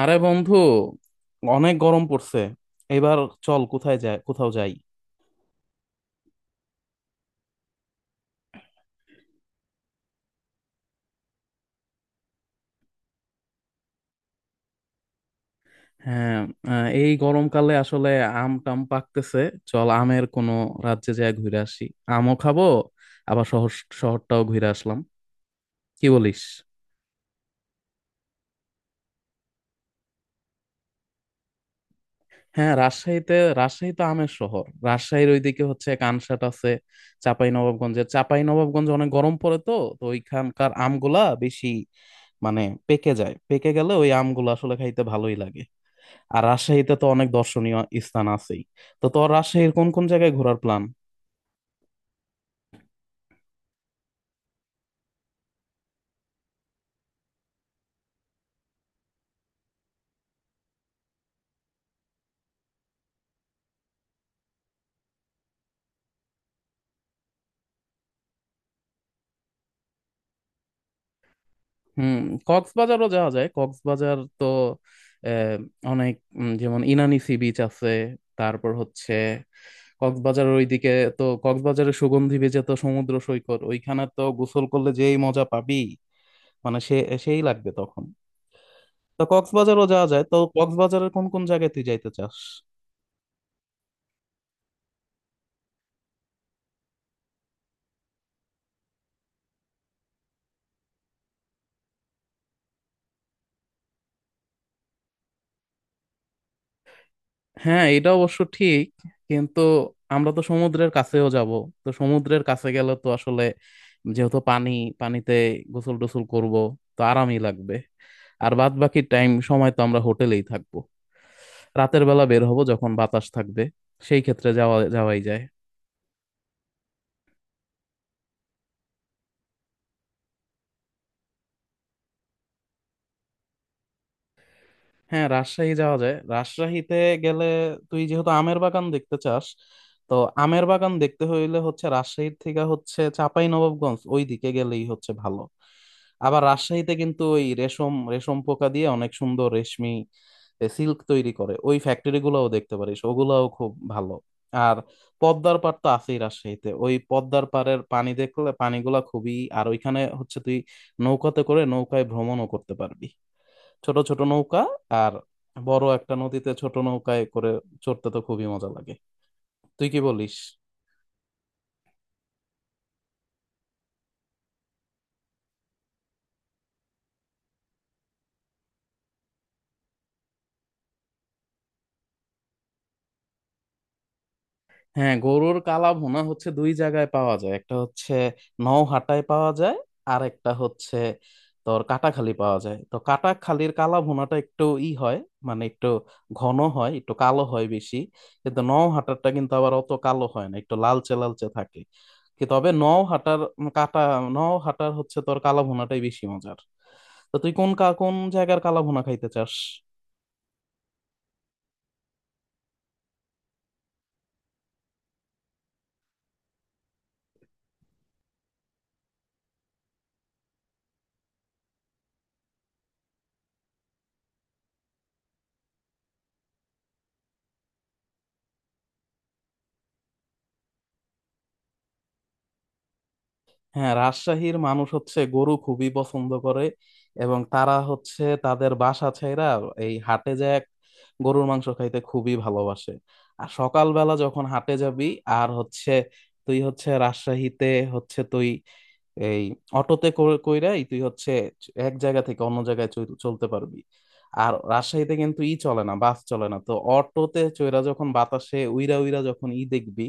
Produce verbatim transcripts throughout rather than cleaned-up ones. আরে বন্ধু, অনেক গরম পড়ছে এবার। চল, কোথায় যায়, কোথাও যাই। হ্যাঁ। আহ, এই গরমকালে আসলে আম টাম পাকতেছে। চল, আমের কোনো রাজ্যে যায় ঘুরে আসি। আমও খাবো, আবার শহর শহরটাও ঘুরে আসলাম। কি বলিস? হ্যাঁ, রাজশাহীতে। রাজশাহী তো আমের শহর। রাজশাহীর ওইদিকে হচ্ছে কানসাট আছে। চাঁপাই নবাবগঞ্জের চাঁপাই নবাবগঞ্জে অনেক গরম পড়ে তো। তো ওইখানকার আমগুলা বেশি, মানে, পেকে যায়। পেকে গেলে ওই আমগুলো আসলে খাইতে ভালোই লাগে। আর রাজশাহীতে তো অনেক দর্শনীয় স্থান আছেই। তো তোর রাজশাহীর কোন কোন জায়গায় ঘোরার প্ল্যান? হুম। কক্সবাজারও যাওয়া যায়। কক্সবাজার তো আহ, অনেক, উম, যেমন ইনানি সি বিচ আছে। তারপর হচ্ছে কক্সবাজারের ওইদিকে। তো কক্সবাজারের সুগন্ধি বেজে তো সমুদ্র সৈকত, ওইখানে তো গোসল করলে যেই মজা পাবি, মানে, সে সেই লাগবে তখন। তো কক্সবাজারও যাওয়া যায়। তো কক্সবাজারের কোন কোন জায়গায় তুই যাইতে চাস? হ্যাঁ, এটা অবশ্য ঠিক, কিন্তু আমরা তো সমুদ্রের কাছেও যাব। তো সমুদ্রের কাছে গেলে তো আসলে, যেহেতু পানি, পানিতে গোসল টোসল করব, তো আরামই লাগবে। আর বাদ বাকি টাইম সময় তো আমরা হোটেলেই থাকবো। রাতের বেলা বের হব যখন বাতাস থাকবে। সেই ক্ষেত্রে যাওয়া যাওয়াই যায়। হ্যাঁ, রাজশাহী যাওয়া যায়। রাজশাহীতে গেলে, তুই যেহেতু আমের বাগান দেখতে চাস, তো আমের বাগান দেখতে হইলে হচ্ছে রাজশাহীর থেকে হচ্ছে চাঁপাই নবাবগঞ্জ ওই দিকে গেলেই হচ্ছে ভালো। আবার রাজশাহীতে কিন্তু ওই রেশম রেশম পোকা দিয়ে অনেক সুন্দর রেশমি সিল্ক তৈরি করে। ওই ফ্যাক্টরি গুলাও দেখতে পারিস, ওগুলাও খুব ভালো। আর পদ্মার পাড় তো আছেই রাজশাহীতে। ওই পদ্মার পাড়ের পানি দেখলে পানিগুলা খুবই, আর ওইখানে হচ্ছে তুই নৌকাতে করে নৌকায় ভ্রমণও করতে পারবি। ছোট ছোট নৌকা। আর বড় একটা নদীতে ছোট নৌকায় করে চড়তে তো খুবই মজা লাগে। তুই কি বলিস? হ্যাঁ, গরুর কালা ভুনা হচ্ছে দুই জায়গায় পাওয়া যায়। একটা হচ্ছে নওহাটায় পাওয়া যায়। আর একটা হচ্ছে তোর কাটাখালি পাওয়া যায়। তো কাটাখালির কালা ভুনাটা একটু ই হয়, মানে একটু ঘন হয়, একটু কালো হয় বেশি। কিন্তু নওহাটারটা কিন্তু আবার অত কালো হয় না, একটু লালচে লালচে থাকে। কি, তবে নওহাটার উম কাটা, নওহাটার হচ্ছে তোর কালা ভুনাটাই বেশি মজার। তো তুই কোন কা- কোন জায়গার কালা ভুনা খাইতে চাস? হ্যাঁ, রাজশাহীর মানুষ হচ্ছে গরু খুবই পছন্দ করে। এবং তারা হচ্ছে তাদের বাসা ছেইরা এই হাটে যায়। গরুর মাংস খাইতে খুবই ভালোবাসে। আর সকালবেলা যখন হাটে যাবি, আর হচ্ছে তুই হচ্ছে রাজশাহীতে হচ্ছে তুই এই অটোতে করে- কইরাই তুই হচ্ছে এক জায়গা থেকে অন্য জায়গায় চল- চলতে পারবি। আর রাজশাহীতে কিন্তু ই চলে না, বাস চলে না। তো অটোতে চইরা যখন বাতাসে উইরা উইরা যখন ই দেখবি,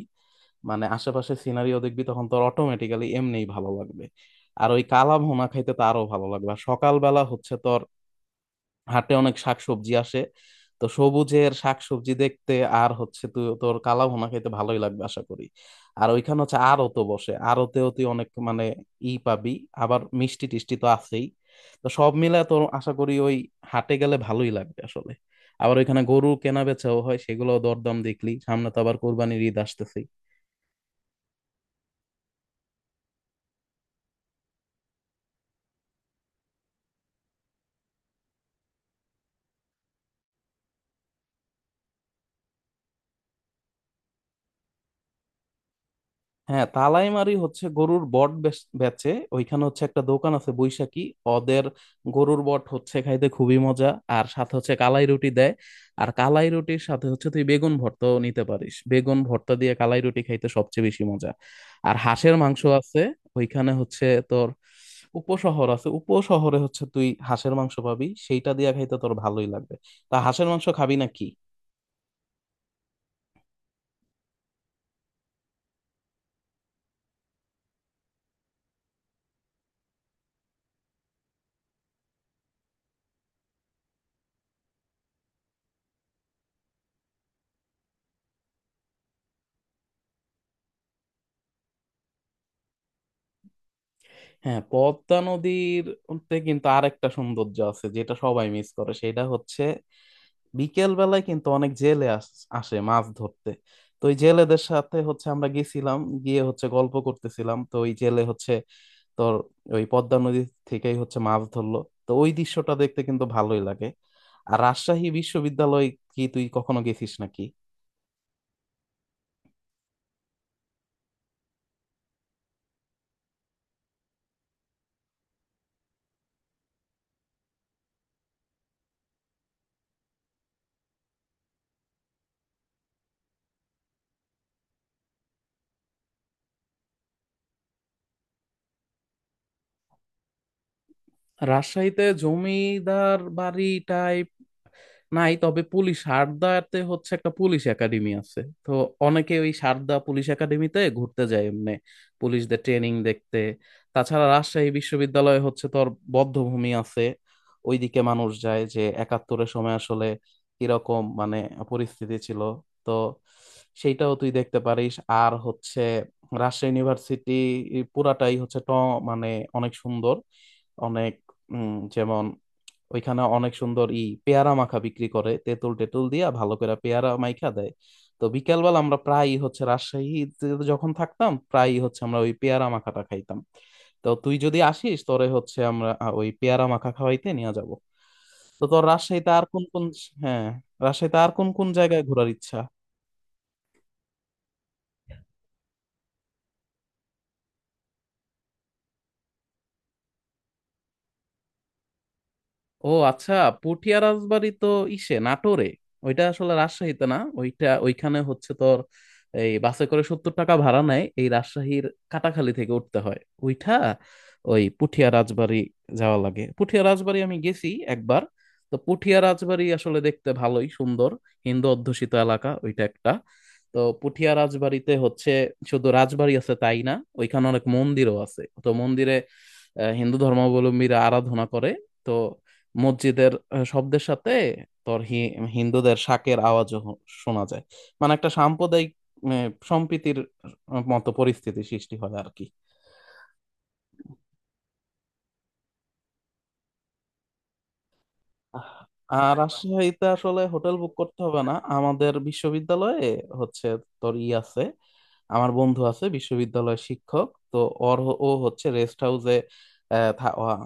মানে আশেপাশে সিনারিও দেখবি, তখন তোর অটোমেটিক্যালি এমনিই ভালো লাগবে। আর ওই কালা ভুনা খাইতে তো আরো ভালো লাগবে। আর সকালবেলা হচ্ছে তোর হাটে অনেক শাকসবজি আসে। তো সবুজের শাকসবজি দেখতে, আর হচ্ছে তুই তোর কালা ভুনা খাইতে ভালোই লাগবে আশা করি। আর ওইখানে হচ্ছে আড়ত বসে। আড়তেও তুই অনেক, মানে, ই পাবি। আবার মিষ্টি টিষ্টি তো আছেই। তো সব মিলে তোর আশা করি ওই হাটে গেলে ভালোই লাগবে আসলে। আবার ওইখানে গরু কেনা বেচাও হয়, সেগুলো দরদাম দেখলি। সামনে তো আবার কোরবানির ঈদ আসতেছে। হ্যাঁ, তালাইমারি হচ্ছে গরুর বট বেচ- বেচে। ওইখানে হচ্ছে একটা দোকান আছে, বৈশাখী। ওদের গরুর বট হচ্ছে খাইতে খুবই মজা। আর সাথে হচ্ছে কালাই রুটি দেয়। আর কালাই রুটির সাথে হচ্ছে তুই বেগুন ভর্তাও নিতে পারিস। বেগুন ভর্তা দিয়ে কালাই রুটি খাইতে সবচেয়ে বেশি মজা। আর হাঁসের মাংস আছে। ওইখানে হচ্ছে তোর উপশহর আছে। উপশহরে হচ্ছে তুই হাঁসের মাংস পাবি। সেইটা দিয়ে খাইতে তোর ভালোই লাগবে। তা হাঁসের মাংস খাবি নাকি? হ্যাঁ, পদ্মা নদীর তে কিন্তু আরেকটা সৌন্দর্য আছে যেটা সবাই মিস করে। সেটা হচ্ছে বিকেল বেলায় কিন্তু অনেক জেলে আস- আসে মাছ ধরতে। তো ওই জেলেদের সাথে হচ্ছে আমরা গেছিলাম। গিয়ে হচ্ছে গল্প করতেছিলাম। তো ওই জেলে হচ্ছে তোর ওই পদ্মা নদী থেকেই হচ্ছে মাছ ধরলো। তো ওই দৃশ্যটা দেখতে কিন্তু ভালোই লাগে। আর রাজশাহী বিশ্ববিদ্যালয়, কি তুই কখনো গেছিস নাকি? রাজশাহীতে জমিদার বাড়ি নাই, তবে পুলিশ সারদাতে হচ্ছে একটা পুলিশ একাডেমি আছে। তো অনেকে ওই সারদা পুলিশ একাডেমিতে ঘুরতে যায় এমনি পুলিশদের ট্রেনিং দেখতে। তাছাড়া রাজশাহী বিশ্ববিদ্যালয়ে হচ্ছে তোর বধ্যভূমি আছে। ওইদিকে মানুষ যায় যে একাত্তরের সময় আসলে কিরকম, মানে, পরিস্থিতি ছিল, তো সেইটাও তুই দেখতে পারিস। আর হচ্ছে রাজশাহী ইউনিভার্সিটি পুরাটাই হচ্ছে ট, মানে, অনেক সুন্দর, অনেক, উম, যেমন ওইখানে অনেক সুন্দর ই পেয়ারা মাখা বিক্রি করে। তেঁতুল টেতুল দিয়া ভালো করে পেয়ারা মাইখা দেয়। তো বিকেলবেলা আমরা প্রায়ই হচ্ছে রাজশাহীতে যখন থাকতাম প্রায়ই হচ্ছে আমরা ওই পেয়ারা মাখাটা খাইতাম। তো তুই যদি আসিস তোরে হচ্ছে আমরা আহ, ওই পেয়ারা মাখা খাওয়াইতে নিয়ে যাব। তো তোর রাজশাহীতে আর কোন কোন, হ্যাঁ, রাজশাহীতে আর কোন কোন জায়গায় ঘোরার ইচ্ছা? ও আচ্ছা, পটিয়া রাজবাড়ি তো ইসে নাটোরে। ওইটা আসলে রাজশাহীতে না। ওইটা ওইখানে হচ্ছে তোর এই বাসে করে সত্তর টাকা ভাড়া নেয়। এই রাজশাহীর কাটাখালী থেকে উঠতে হয় ওইটা, ওই পুঠিয়া রাজবাড়ি যাওয়া লাগে। পুঠিয়া রাজবাড়ি আমি গেছি একবার। তো পুঠিয়া রাজবাড়ি আসলে দেখতে ভালোই সুন্দর। হিন্দু অধ্যুষিত এলাকা ওইটা একটা। তো পুঠিয়া রাজবাড়িতে হচ্ছে শুধু রাজবাড়ি আছে তাই না, ওইখানে অনেক মন্দিরও আছে। তো মন্দিরে আহ, হিন্দু ধর্মাবলম্বীরা আরাধনা করে। তো মসজিদের আহ, শব্দের সাথে তোর হি- হিন্দুদের শাঁখের আওয়াজও হ- শোনা যায়। মানে, একটা সাম্প্রদায়িক আহ, সম্প্রীতির আহ, মতো পরিস্থিতি সৃষ্টি হয় আর কি। আর রাজশাহীতে আসলে হোটেল বুক করতে হবে না। আমাদের বিশ্ববিদ্যালয়ে হচ্ছে তোর ই আছে। আমার বন্ধু আছে বিশ্ববিদ্যালয়ের শিক্ষক, তো ওর হ- ও হচ্ছে রেস্ট হাউসে,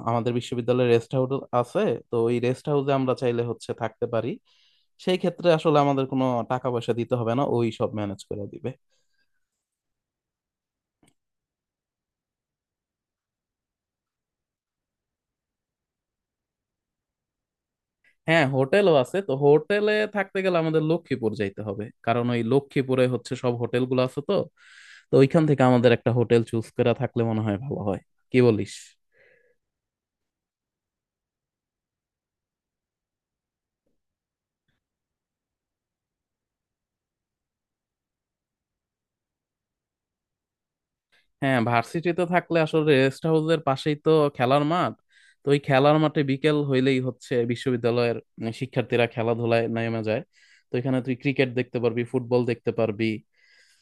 আমাদের বিশ্ববিদ্যালয়ে রেস্ট হাউস আছে। তো ওই রেস্ট হাউসে আমরা চাইলে হচ্ছে থাকতে পারি। সেই ক্ষেত্রে আসলে আমাদের কোনো টাকা পয়সা দিতে হবে না, ওই সব ম্যানেজ করে দিবে। হ্যাঁ, হোটেলও আছে। তো হোটেলে থাকতে গেলে আমাদের লক্ষ্মীপুর যাইতে হবে, কারণ ওই লক্ষ্মীপুরে হচ্ছে সব হোটেলগুলো আছে। তো তো ওইখান থেকে আমাদের একটা হোটেল চুজ করা থাকলে মনে হয় ভালো হয়। কি বলিস? হ্যাঁ, ভার্সিটিতে থাকলে আসলে রেস্ট হাউসের পাশেই তো খেলার মাঠ। তো ওই খেলার মাঠে বিকেল হইলেই হচ্ছে বিশ্ববিদ্যালয়ের উম, শিক্ষার্থীরা খেলাধুলায় নেমে যায়। তো এখানে তুই ক্রিকেট দেখতে পারবি, ফুটবল দেখতে পারবি।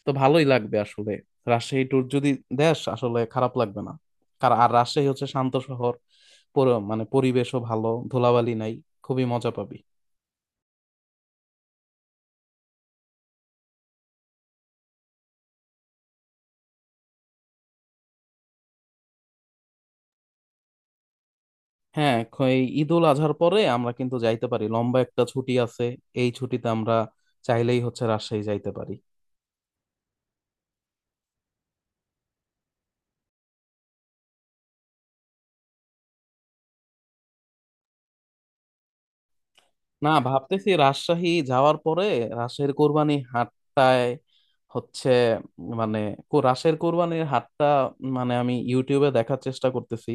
তো ভালোই লাগবে আসলে রাজশাহী ট্যুর যদি দেশ আসলে খারাপ লাগবে না। কারণ আর রাজশাহী হচ্ছে শান্ত শহর। পুরো- মানে পরিবেশও ভালো, ধুলাবালি নাই। খুবই মজা পাবি। হ্যাঁ, খ- এই ঈদুল আজহার পরে আমরা কিন্তু যাইতে পারি, লম্বা একটা ছুটি আছে। এই ছুটিতে আমরা চাইলেই হচ্ছে রাজশাহী যাইতে পারি। না, ভাবতেছি রাজশাহী যাওয়ার পরে রাজশাহীর কোরবানি হাটটায় হচ্ছে, মানে, কো- রাজশাহীর কোরবানির হাটটা, মানে, আমি ইউটিউবে দেখার চেষ্টা করতেছি।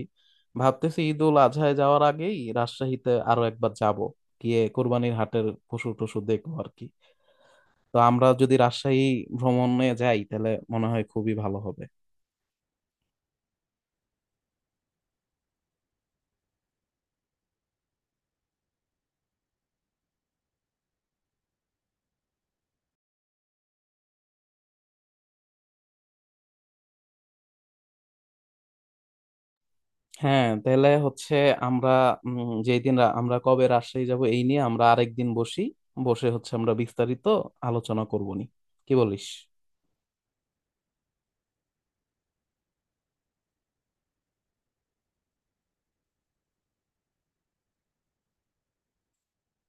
ভাবতেছি ঈদ উল আজহায় যাওয়ার আগেই রাজশাহীতে আরো একবার যাব। গিয়ে কোরবানির হাটের পশু টশু দেখবো আর কি। তো আমরা যদি রাজশাহী ভ্রমণে যাই তাহলে মনে হয় খুবই ভালো হবে। হ্যাঁ, তাহলে হচ্ছে আমরা উম, যেই দিন রা- আমরা কবে রাজশাহী যাব এই নিয়ে আমরা আরেকদিন বসি। বসে হচ্ছে আমরা বিস্তারিত আলোচনা করবো নি। কি বলিস?